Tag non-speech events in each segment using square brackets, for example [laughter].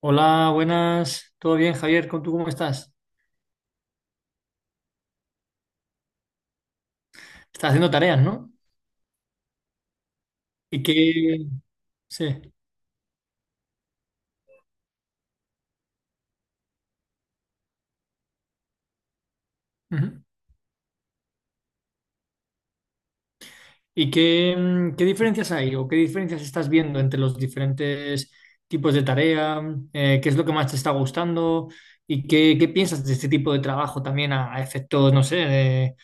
Hola, buenas. ¿Todo bien, Javier? ¿Con tú cómo estás? Estás haciendo tareas, ¿no? ¿Y qué, sí. Ujú. ¿Y qué, qué diferencias hay o qué diferencias estás viendo entre los diferentes tipos de tarea? ¿Qué es lo que más te está gustando? ¿Y qué, qué piensas de este tipo de trabajo también a efectos, no sé,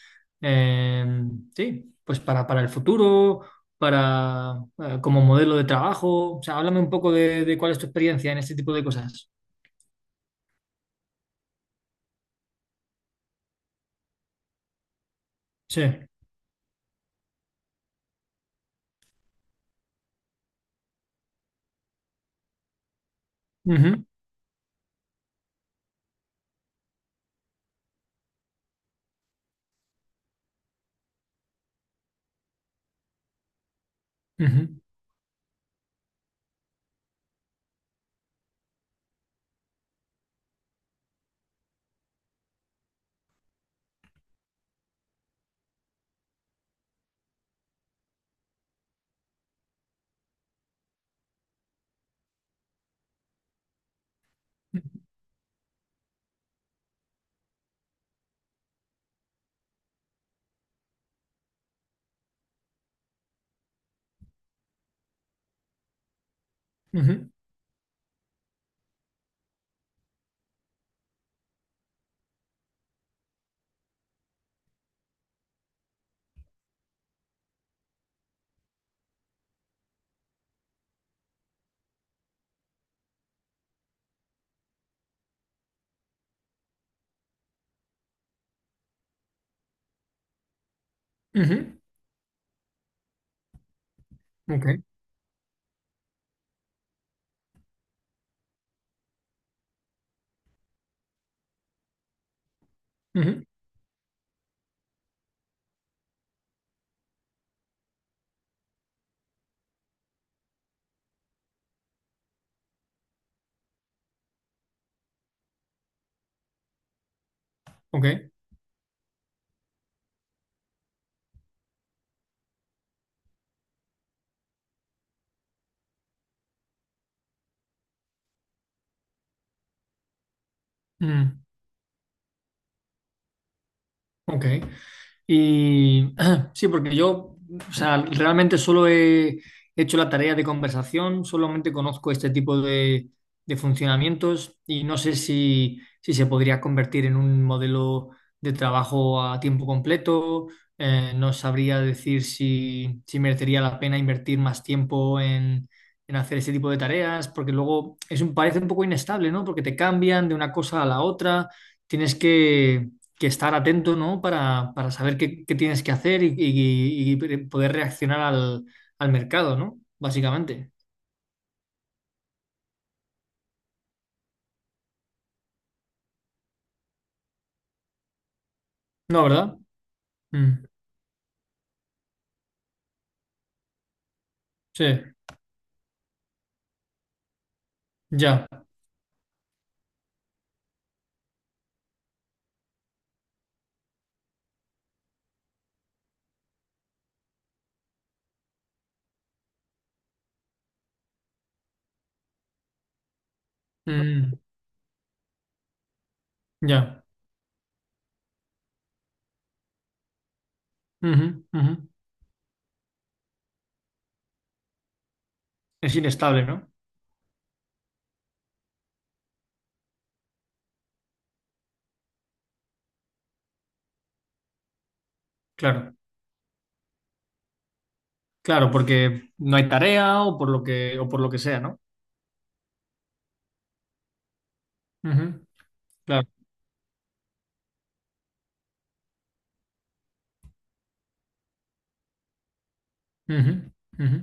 eh, sí, pues para el futuro, como modelo de trabajo? O sea, háblame un poco de cuál es tu experiencia en este tipo de cosas. Sí. Ujú. Ujú, ujú, ujú, ok, ujú, ok, mm, ok. Y [clears throat] sí, porque yo, o sea, realmente solo he hecho la tarea de conversación, solamente conozco este tipo de funcionamientos y no sé si se podría convertir en un modelo de trabajo a tiempo completo. No sabría decir si merecería la pena invertir más tiempo en hacer ese tipo de tareas, porque luego es un, parece un poco inestable, ¿no? Porque te cambian de una cosa a la otra, tienes que estar atento, ¿no? Para saber qué, qué tienes que hacer y poder reaccionar al mercado, ¿no? Básicamente. No, ¿verdad? Mm, sí, ya. Mm, ya. Ujú, ujú. Es inestable, ¿no? Claro, claro, porque no hay tarea o por lo que, o por lo que sea, ¿no? Ujú, claro. Ujú, ujú.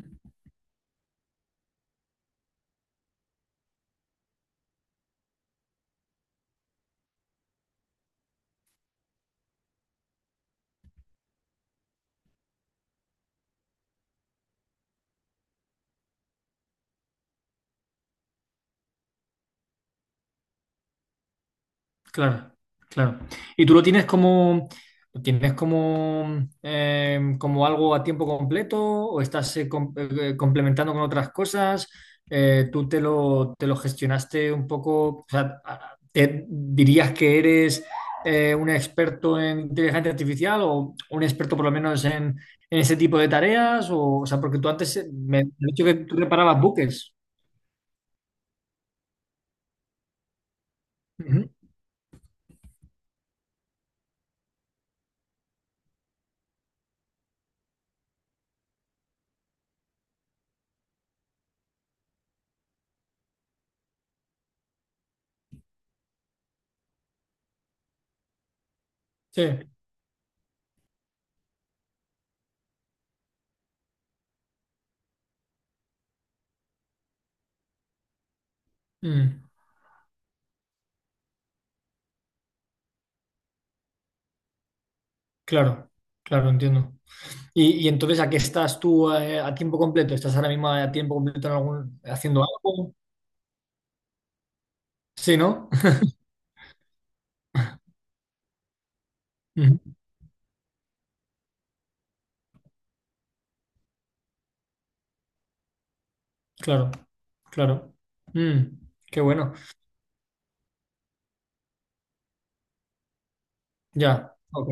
Claro, claro. ¿Y tú lo tienes como, como algo a tiempo completo o estás complementando con otras cosas? ¿Tú te te lo gestionaste un poco? O sea, ¿te dirías que eres un experto en inteligencia artificial o un experto por lo menos en ese tipo de tareas? O sea, porque tú antes me has dicho que tú reparabas buques. Ujú. Sí. Mm. Claro, claro, entiendo. Y entonces, ¿a qué estás tú a tiempo completo? ¿Estás ahora mismo a tiempo completo en algún, haciendo algo? Sí, ¿no? [laughs] Ujú, claro, claro. Mm, qué bueno. Ya, ok,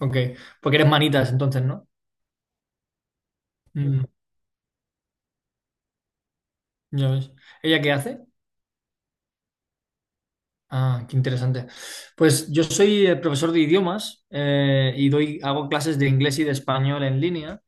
ok. Porque eres manitas entonces, ¿no? Mm, ya ves. ¿Ella qué hace? Ah, qué interesante. Pues yo soy profesor de idiomas y doy, hago clases de inglés y de español en línea.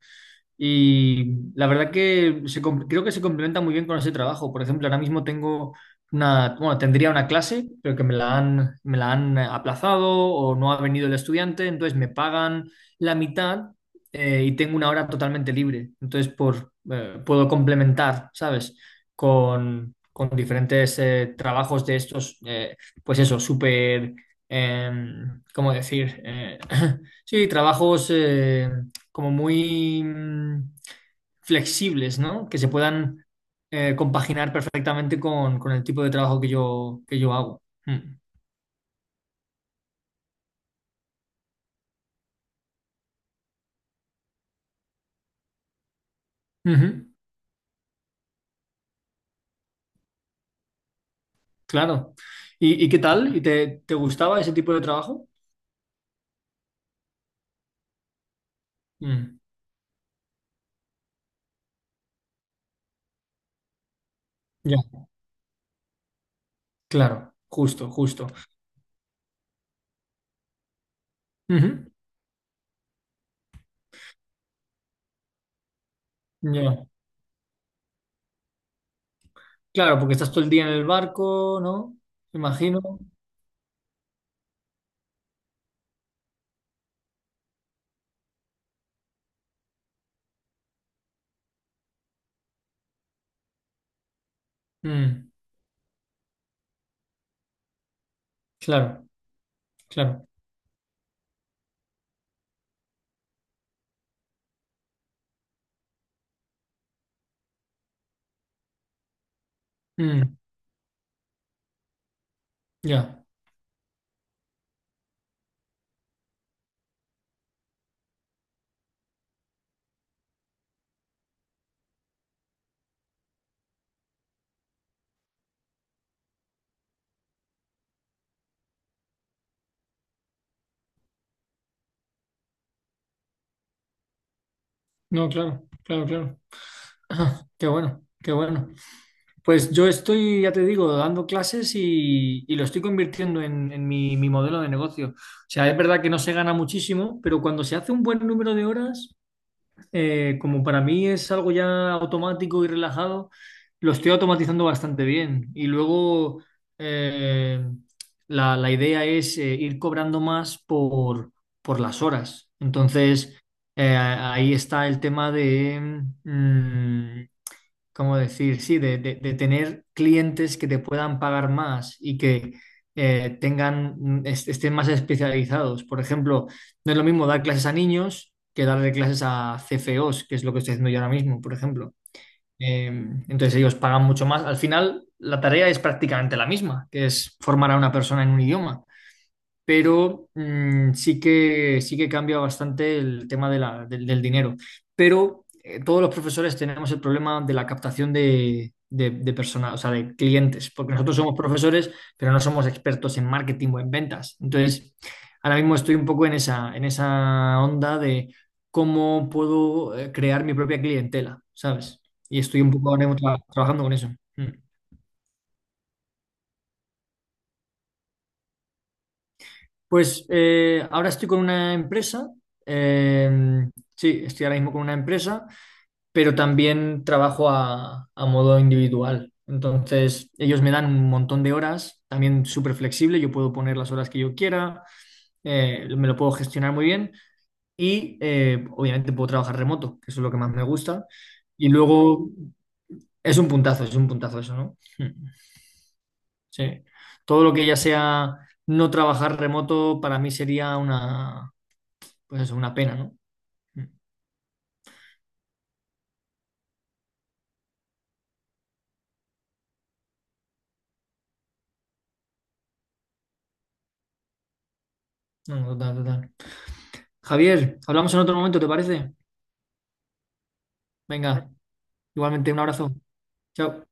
Y la verdad que creo que se complementa muy bien con ese trabajo. Por ejemplo, ahora mismo tengo una, bueno, tendría una clase, pero que me me la han aplazado o no ha venido el estudiante, entonces me pagan la mitad y tengo una hora totalmente libre. Entonces, puedo complementar, ¿sabes? Con diferentes trabajos de estos, pues eso, súper, ¿cómo decir? [clears throat] Sí, trabajos, como muy flexibles, ¿no? Que se puedan compaginar perfectamente con el tipo de trabajo que que yo hago. Mm. Ujú, claro. ¿ y qué tal? ¿Y te gustaba ese tipo de trabajo? Mm, ya, claro, justo, justo. Ujú, ya. Claro, porque estás todo el día en el barco, ¿no? Imagino. Mm, claro, claro. Mm, ya. No, claro, claro, claro. [clears throat] Qué bueno, qué bueno. Pues yo estoy, ya te digo, dando clases y lo estoy convirtiendo en mi, mi modelo de negocio. O sea, es verdad que no se gana muchísimo, pero cuando se hace un buen número de horas, como para mí es algo ya automático y relajado, lo estoy automatizando bastante bien. Y luego eh, la, la idea es ir cobrando más por las horas. Entonces, ahí está el tema de, ¿cómo decir? Sí, de tener clientes que te puedan pagar más y que tengan, estén más especializados. Por ejemplo, no es lo mismo dar clases a niños que darle clases a CFOs, que es lo que estoy haciendo yo ahora mismo, por ejemplo. Entonces ellos pagan mucho más. Al final, la tarea es prácticamente la misma, que es formar a una persona en un idioma pero sí que cambia bastante el tema de del dinero. Pero todos los profesores tenemos el problema de la captación de personas, o sea, de clientes, porque nosotros somos profesores, pero no somos expertos en marketing o en ventas. Entonces, ahora mismo estoy un poco en esa onda de cómo puedo crear mi propia clientela, ¿sabes? Y estoy un poco ahora mismo trabajando con eso. Mm. Pues ahora estoy con una empresa, eh, sí, estoy ahora mismo con una empresa, pero también trabajo a modo individual. Entonces, ellos me dan un montón de horas, también súper flexible, yo puedo poner las horas que yo quiera, me lo puedo gestionar muy bien y obviamente puedo trabajar remoto, que eso es lo que más me gusta. Y luego es un puntazo eso, ¿no? [laughs] Mm, sí. Todo lo que ya sea no trabajar remoto para mí sería una pues eso, una pena, ¿no? Mm. No, no, total, total. Javier, hablamos en otro momento, ¿te parece? Venga, igualmente un abrazo. Chao.